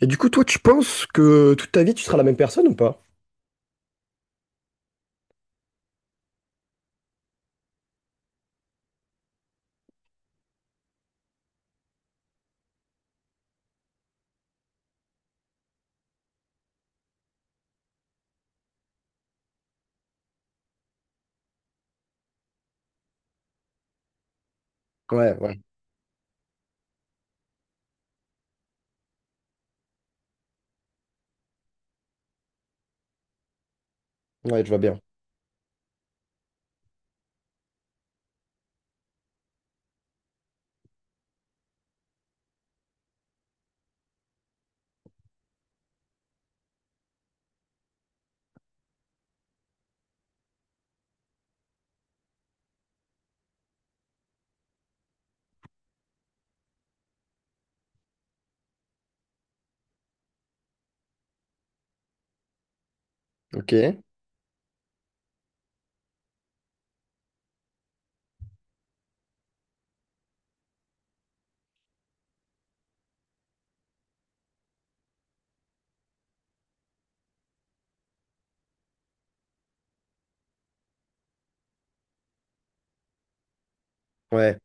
Et du coup, toi, tu penses que toute ta vie, tu seras la même personne ou pas? Ouais, ouais, ouais, je vois bien. Ok. Ouais.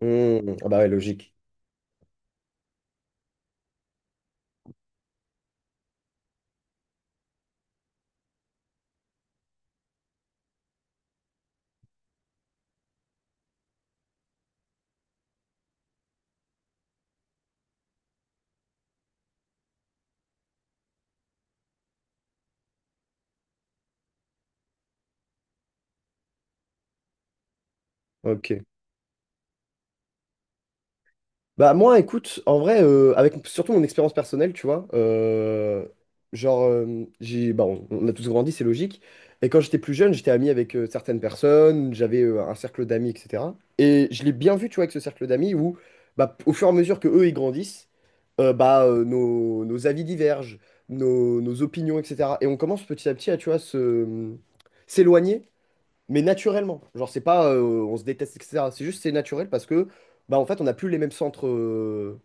Mmh. Ah bah ouais, logique. Ok. Bah moi, écoute, en vrai, avec surtout mon expérience personnelle, tu vois, genre, bah, on a tous grandi, c'est logique. Et quand j'étais plus jeune, j'étais ami avec certaines personnes, j'avais un cercle d'amis, etc. Et je l'ai bien vu, tu vois, avec ce cercle d'amis où, bah, au fur et à mesure que eux, ils grandissent, bah, nos avis divergent, nos opinions, etc. Et on commence petit à petit à, tu vois, s'éloigner mais naturellement. Genre, c'est pas on se déteste, etc. C'est juste c'est naturel parce que, bah, en fait, on n'a plus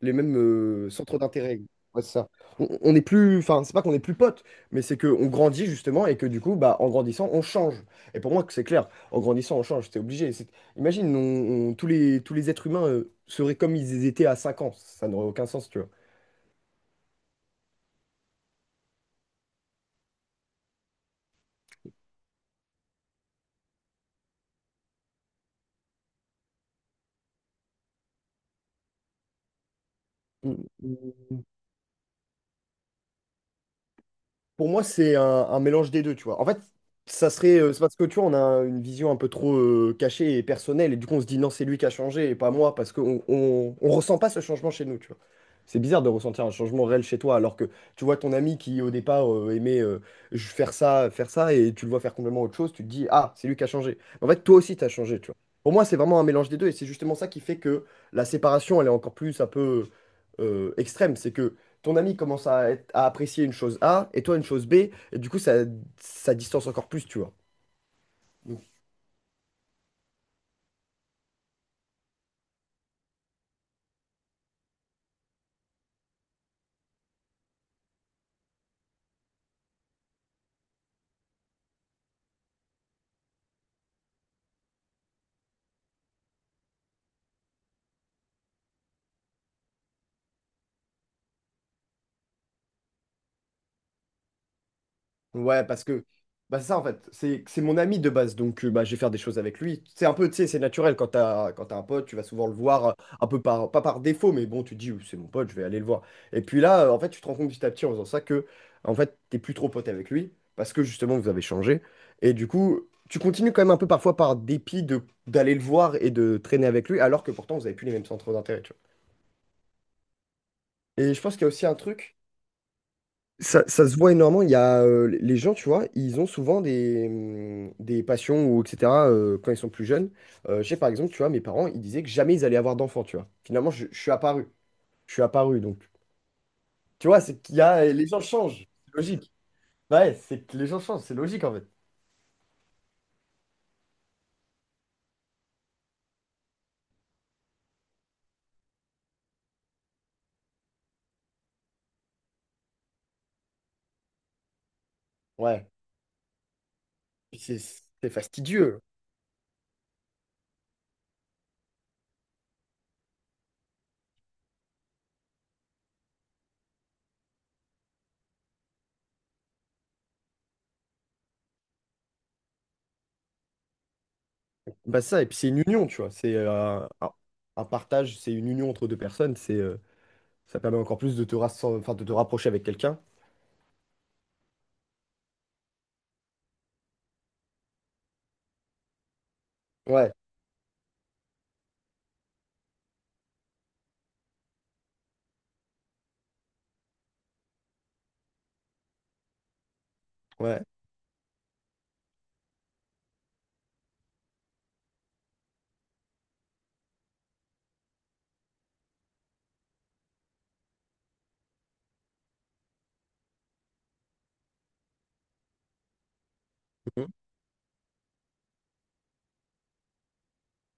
les mêmes centres d'intérêt. Ouais, c'est ça. On est plus, enfin, c'est pas qu'on est plus potes, mais c'est qu'on grandit justement et que du coup, bah, en grandissant, on change. Et pour moi, que c'est clair. En grandissant, on change. C'est obligé. Imagine, tous les êtres humains seraient comme ils étaient à 5 ans. Ça n'aurait aucun sens, tu vois. Pour moi, c'est un mélange des deux, tu vois. En fait, ça serait. C'est parce que tu vois, on a une vision un peu trop cachée et personnelle, et du coup, on se dit non, c'est lui qui a changé et pas moi, parce qu'on on ressent pas ce changement chez nous, tu vois. C'est bizarre de ressentir un changement réel chez toi, alors que tu vois ton ami qui, au départ, aimait faire ça, et tu le vois faire complètement autre chose, tu te dis ah, c'est lui qui a changé. En fait, toi aussi, tu as changé, tu vois. Pour moi, c'est vraiment un mélange des deux, et c'est justement ça qui fait que la séparation, elle est encore plus un peu extrême. C'est que ton ami commence à, à apprécier une chose A et toi une chose B, et du coup, ça distance encore plus, tu vois. Donc, ouais, parce que bah, c'est ça en fait, c'est mon ami de base, donc bah, je vais faire des choses avec lui. C'est un peu, tu sais, c'est naturel quand t'as un pote, tu vas souvent le voir, un peu pas par défaut, mais bon, tu te dis, oui, c'est mon pote, je vais aller le voir. Et puis là, en fait, tu te rends compte petit à petit en faisant ça que, en fait, t'es plus trop pote avec lui, parce que justement, vous avez changé. Et du coup, tu continues quand même un peu parfois par dépit de d'aller le voir et de traîner avec lui, alors que pourtant, vous avez plus les mêmes centres d'intérêt, tu vois. Et je pense qu'il y a aussi un truc, ça se voit énormément, il y a les gens, tu vois, ils ont souvent des passions ou etc. Quand ils sont plus jeunes. Je sais par exemple, tu vois, mes parents, ils disaient que jamais ils allaient avoir d'enfants, tu vois. Finalement, je suis apparu. Je suis apparu, donc. Tu vois, c'est qu'il y a, les gens changent, c'est logique. Ouais, c'est que les gens changent, c'est logique en fait. Ouais. Puis c'est fastidieux. Bah ça, et puis c'est une union, tu vois. C'est un partage, c'est une union entre deux personnes, c'est ça permet encore plus de enfin, de te rapprocher avec quelqu'un. Ouais, ouais.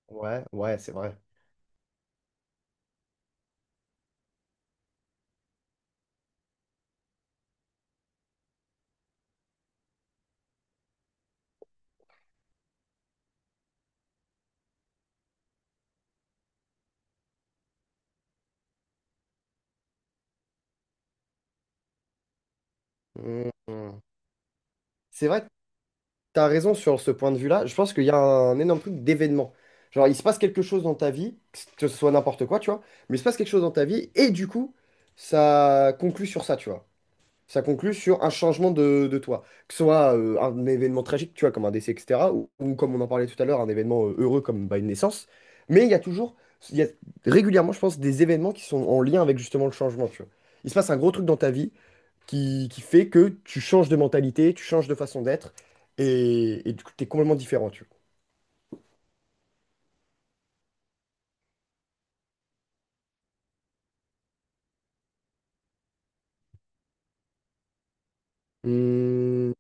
Ouais, ouais, c'est vrai. Mhm. C'est vrai que tu as raison sur ce point de vue-là. Je pense qu'il y a un énorme truc d'événement. Genre, il se passe quelque chose dans ta vie, que ce soit n'importe quoi, tu vois, mais il se passe quelque chose dans ta vie, et du coup, ça conclut sur ça, tu vois. Ça conclut sur un changement de toi. Que ce soit un événement tragique, tu vois, comme un décès, etc., ou comme on en parlait tout à l'heure, un événement heureux comme bah, une naissance. Mais il y a régulièrement, je pense, des événements qui sont en lien avec justement le changement, tu vois. Il se passe un gros truc dans ta vie, qui fait que tu changes de mentalité, tu changes de façon d'être, et du coup, tu es complètement différent, tu vois. Hum,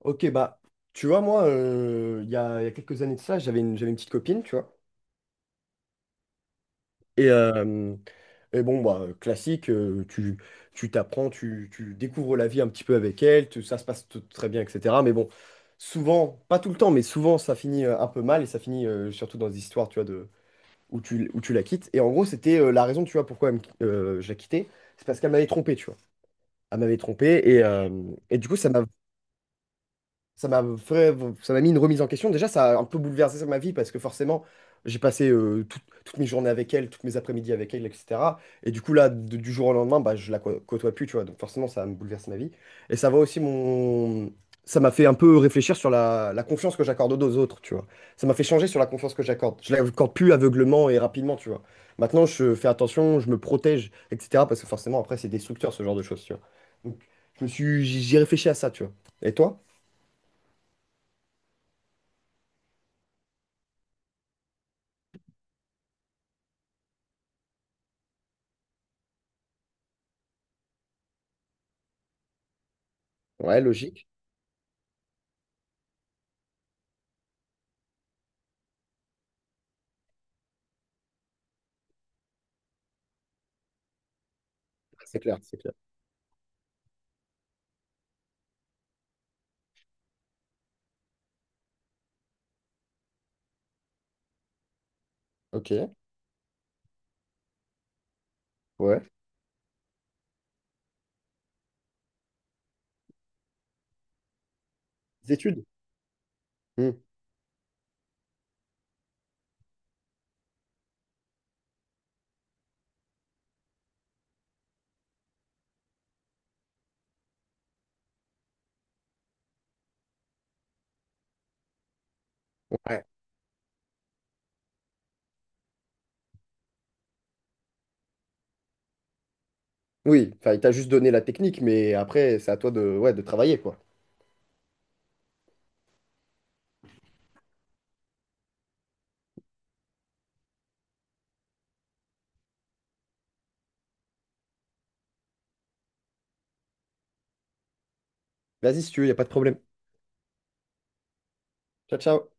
ok, bah, tu vois, moi, il y a quelques années de ça, j'avais une petite copine, tu vois. Et, euh, et bon, bah, classique, tu t'apprends, tu découvres la vie un petit peu avec elle, ça se passe très bien, etc. Mais bon, souvent, pas tout le temps, mais souvent, ça finit un peu mal, et ça finit surtout dans des histoires, tu vois, où tu la quittes. Et en gros, c'était la raison, tu vois, pourquoi je la quittais. C'est parce qu'elle m'avait trompé, tu vois. Elle m'avait trompé et du coup, ça m'a fait- ça m'a mis une remise en question. Déjà, ça a un peu bouleversé ma vie parce que forcément, j'ai passé toutes mes journées avec elle, toutes mes après-midi avec elle, etc. Et du coup, là, du jour au lendemain, bah, je la côtoie plus, tu vois. Donc forcément, ça me bouleverse ma vie. Et ça va aussi mon. Ça m'a fait un peu réfléchir sur la confiance que j'accorde aux autres, tu vois. Ça m'a fait changer sur la confiance que j'accorde. Je l'accorde plus aveuglément et rapidement, tu vois. Maintenant, je fais attention, je me protège, etc. Parce que forcément, après, c'est destructeur, ce genre de choses, tu vois. Donc, je me suis. J'y réfléchi à ça, tu vois. Et toi? Ouais, logique. C'est clair, c'est clair. Ok, ouais. Les études. Hmm, ouais. Oui, enfin, il t'a juste donné la technique, mais après, c'est à toi de, ouais, de travailler, quoi. Vas-y, si tu veux, il a pas de problème. Ciao, ciao.